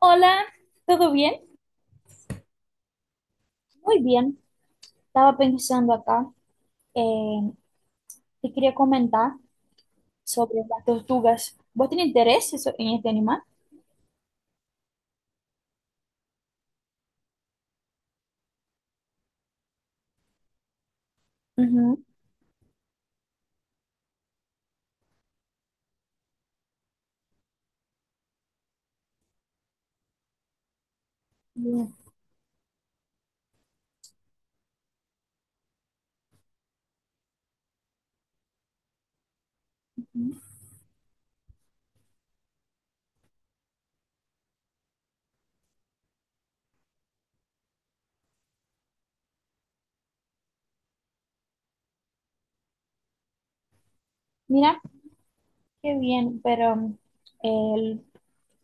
Hola, ¿todo bien? Muy bien. Estaba pensando acá, eh, te quería comentar sobre las tortugas. ¿Vos tenés interés en este animal? Ujú. Bien. Mira, qué bien, pero el-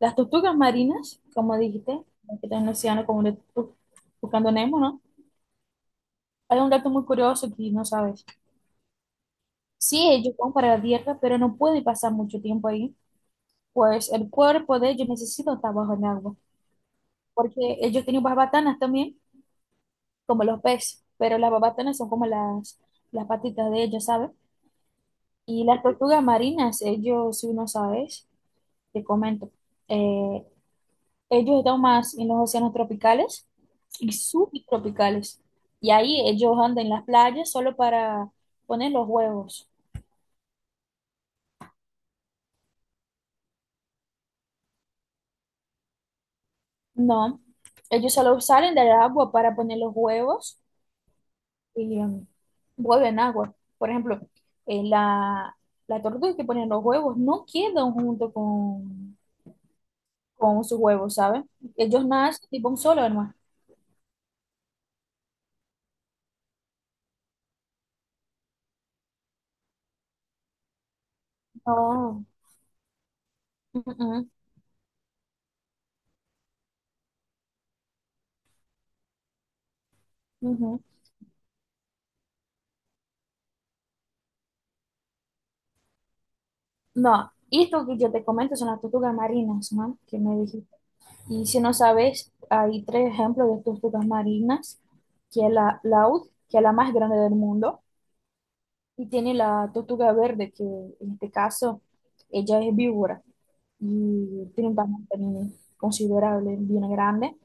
las tortugas marinas, como dijiste, que están en el océano como buscando Nemo, ¿no? Hay un dato muy curioso que no sabes. Sí, ellos van para la tierra, pero no pueden pasar mucho tiempo ahí, pues el cuerpo de ellos necesita estar bajo el agua. Porque ellos tienen babatanas también, como los peces, pero las babatanas son como las patitas de ellos, ¿sabes? Y las tortugas marinas, ellos, si no sabes, te comento, eh, ellos están más en los océanos tropicales y subtropicales. Y ahí ellos andan en las playas solo para poner los huevos. No, ellos solo salen del agua para poner los huevos. Y, huevo agua. Por ejemplo, eh, la, la tortuga que ponen los huevos no quedan junto con sus huevos, ¿sabes? Ellos nacen tipo un solo, hermano. No, mm, mm, ujú. No, esto que yo te comento son las tortugas marinas, ¿no? Que me dijiste. Y si no sabes, hay tres ejemplos de tortugas marinas, que es la laúd, que es la más grande del mundo, y tiene la tortuga verde, que en este caso ella es víbora. Y tiene un tamaño también considerable, bien grande.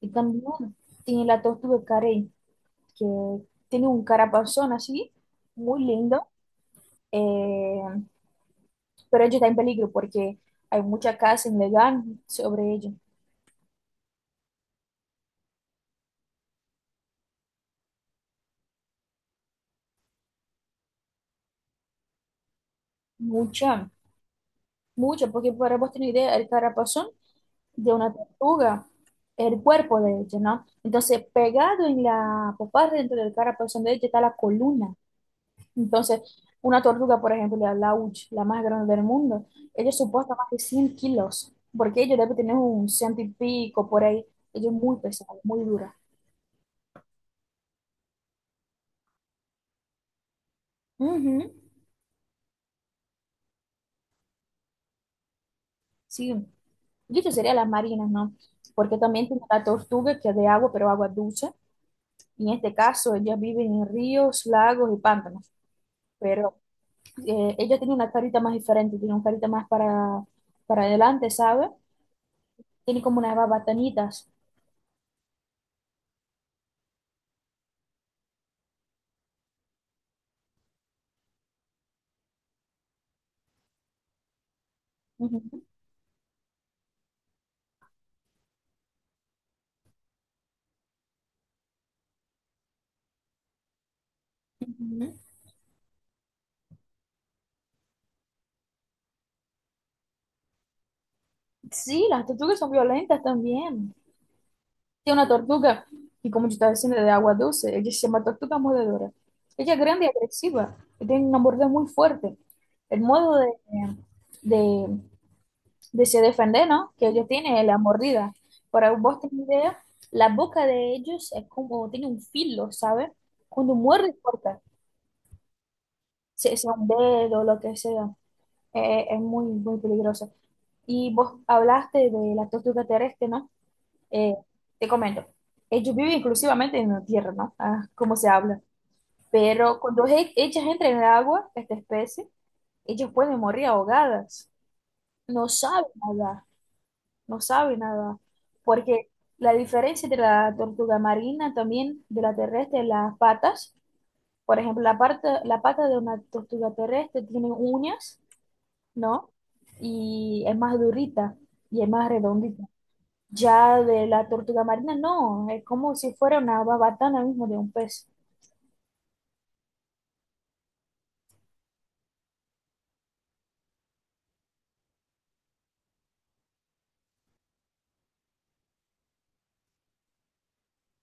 Y también tiene la tortuga carey, que tiene un carapazón así, muy lindo, eh, pero ella está en peligro porque hay mucha caza ilegal sobre ella. Mucha, mucha, porque para vos tener idea, el carapazón de una tortuga, el cuerpo de ella, ¿no? Entonces, pegado en la popa dentro del carapazón de ella está la columna. Entonces, una tortuga, por ejemplo, la lauch, la más grande del mundo, ella soporta más de 100 kilos, porque ella debe tener un ciento y pico por ahí. Ella es muy pesada, muy dura. Ujú. Sí, y esto sería las marinas, ¿no? Porque también tiene la tortuga que es de agua, pero agua dulce. Y en este caso, ellas viven en ríos, lagos y pantanos. Pero ella tiene una carita más diferente, tiene una carita más para adelante, ¿sabe? Tiene como unas babanitas. Ujú, ujú. Sí, las tortugas son violentas también. Tiene una tortuga, y como yo estaba diciendo, de agua dulce, ella se llama tortuga mordedora. Ella es grande y agresiva, y tiene una mordida muy fuerte. El modo de, de se defender, ¿no? Que ella tiene es la mordida. Para vos tener idea, la boca de ellos es como, tiene un filo, ¿sabes? Cuando muerde, corta, sea un dedo, lo que sea. Es muy, muy peligroso. Y vos hablaste de la tortuga terrestre, ¿no? Eh, Te comento, ellos viven exclusivamente en la tierra, ¿no? Ah, como se habla. Pero cuando ellas entran en el agua, esta especie, ellas pueden morir ahogadas. No saben nada, no saben nada. Porque la diferencia de la tortuga marina también de la terrestre, las patas, por ejemplo, la parte, la pata de una tortuga terrestre tiene uñas, ¿no? Y es más durita y es más redondita. Ya de la tortuga marina, no, es como si fuera una babatana mismo de un pez.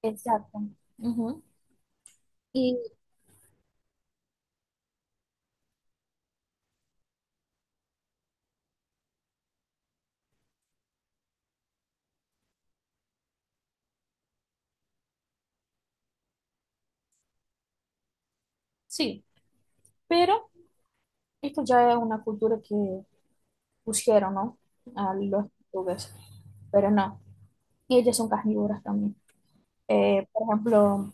Exacto. Ujú. Y sí, pero esto ya es una cultura que pusieron, ¿no? A los tortugas, pero no, ellas son carnívoras también. Por ejemplo,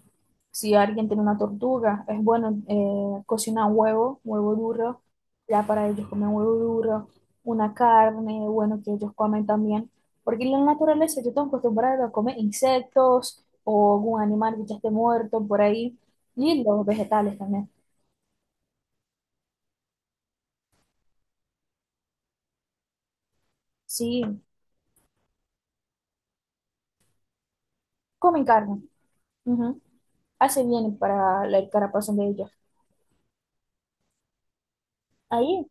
si alguien tiene una tortuga, es bueno cocinar un huevo, huevo duro, ya para ellos comer huevo duro, una carne, bueno, que ellos comen también, porque en la naturaleza yo estoy acostumbrado a comer insectos o algún animal que ya esté muerto por ahí, y los vegetales también. Sí, comen carne, ujú. Hace bien para la carapazo de ellos. Ahí,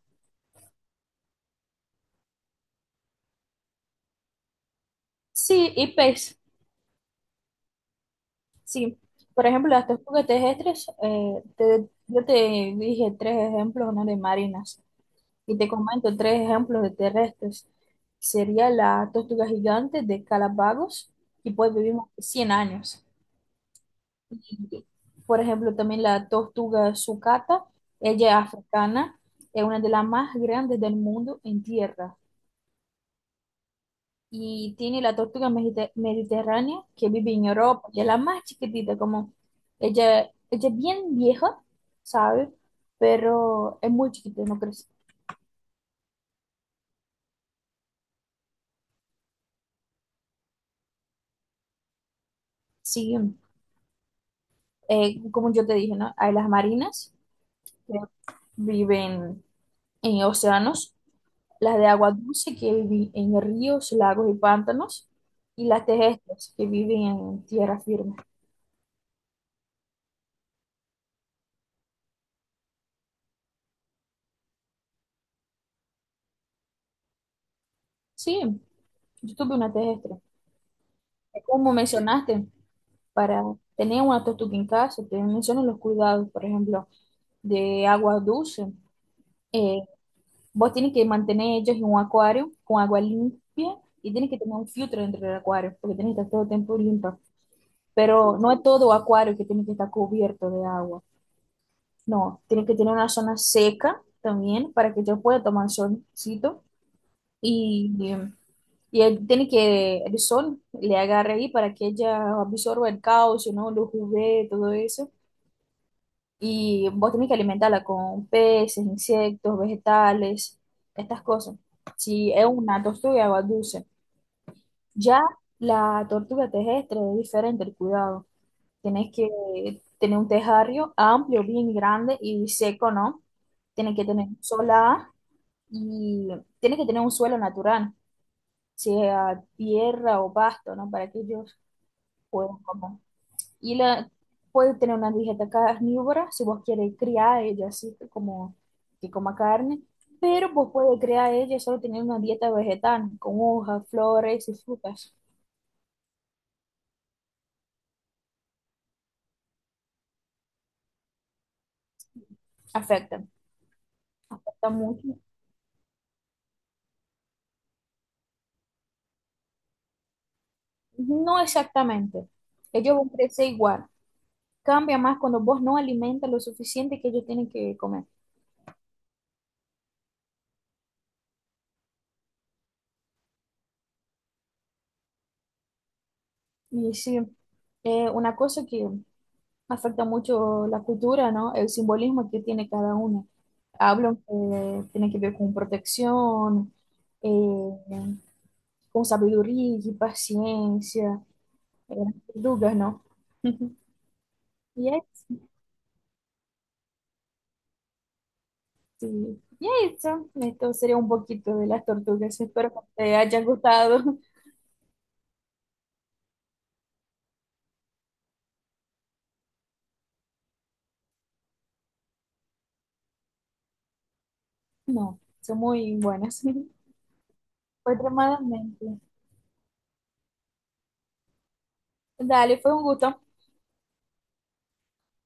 sí, y pez. Sí, por ejemplo, las tortugas terrestres, yo te dije tres ejemplos, ¿no? De marinas, y te comento tres ejemplos de terrestres. Sería la tortuga gigante de Galápagos, que puede vivir 100 años. Y, por ejemplo, también la tortuga sucata, ella es africana, es una de las más grandes del mundo en tierra. Y tiene la tortuga mediterránea que vive en Europa, que es la más chiquitita, como ella, ella es bien vieja, ¿sabes? Pero es muy chiquita, no crece. Sí, como yo te dije, ¿no? Hay las marinas que viven en océanos, las de agua dulce que viven en ríos, lagos y pantanos, y las terrestres que viven en tierra firme. Sí, yo tuve una terrestre. Como mencionaste, para tener una tortuga en casa, te menciono los cuidados, por ejemplo, de agua dulce. Eh, Vos tienes que mantener ellos en un acuario con agua limpia y tienes que tener un filtro dentro del acuario porque tienes que estar todo el tiempo limpio. Pero no es todo acuario que tiene que estar cubierto de agua. No, tiene que tener una zona seca también para que ellos pueda tomar solcito y, y él tiene que el sol le agarre ahí para que ella absorba el calcio, ¿no? Los UV, todo eso y vos tenés que alimentarla con peces, insectos, vegetales, estas cosas. Si es una tortuga de agua dulce, ya la tortuga terrestre es diferente el cuidado. Tenés que tener un tejario amplio, bien grande y seco, ¿no? Tienes que tener solar y tienes que tener un suelo natural, sea tierra o pasto, ¿no? Para que ellos puedan comer. Y la, puede tener una dieta carnívora si vos quieres criar a ella así como que coma carne, pero vos puedes criar a ella solo teniendo una dieta vegetal con hojas, flores y frutas. Afecta, afecta mucho. No exactamente. Ellos van a crecer igual. Cambia más cuando vos no alimentas lo suficiente que ellos tienen que comer. Y sí, una cosa que afecta mucho la cultura, ¿no? El simbolismo que tiene cada una. Hablan que tiene que ver con protección, eh, con sabiduría y paciencia, eh, tortugas, ¿no? Y es- sí, y eso, esto sería un poquito de las tortugas. Espero que te haya gustado. No, son muy buenas. Fue extremadamente. Dale, fue un gusto.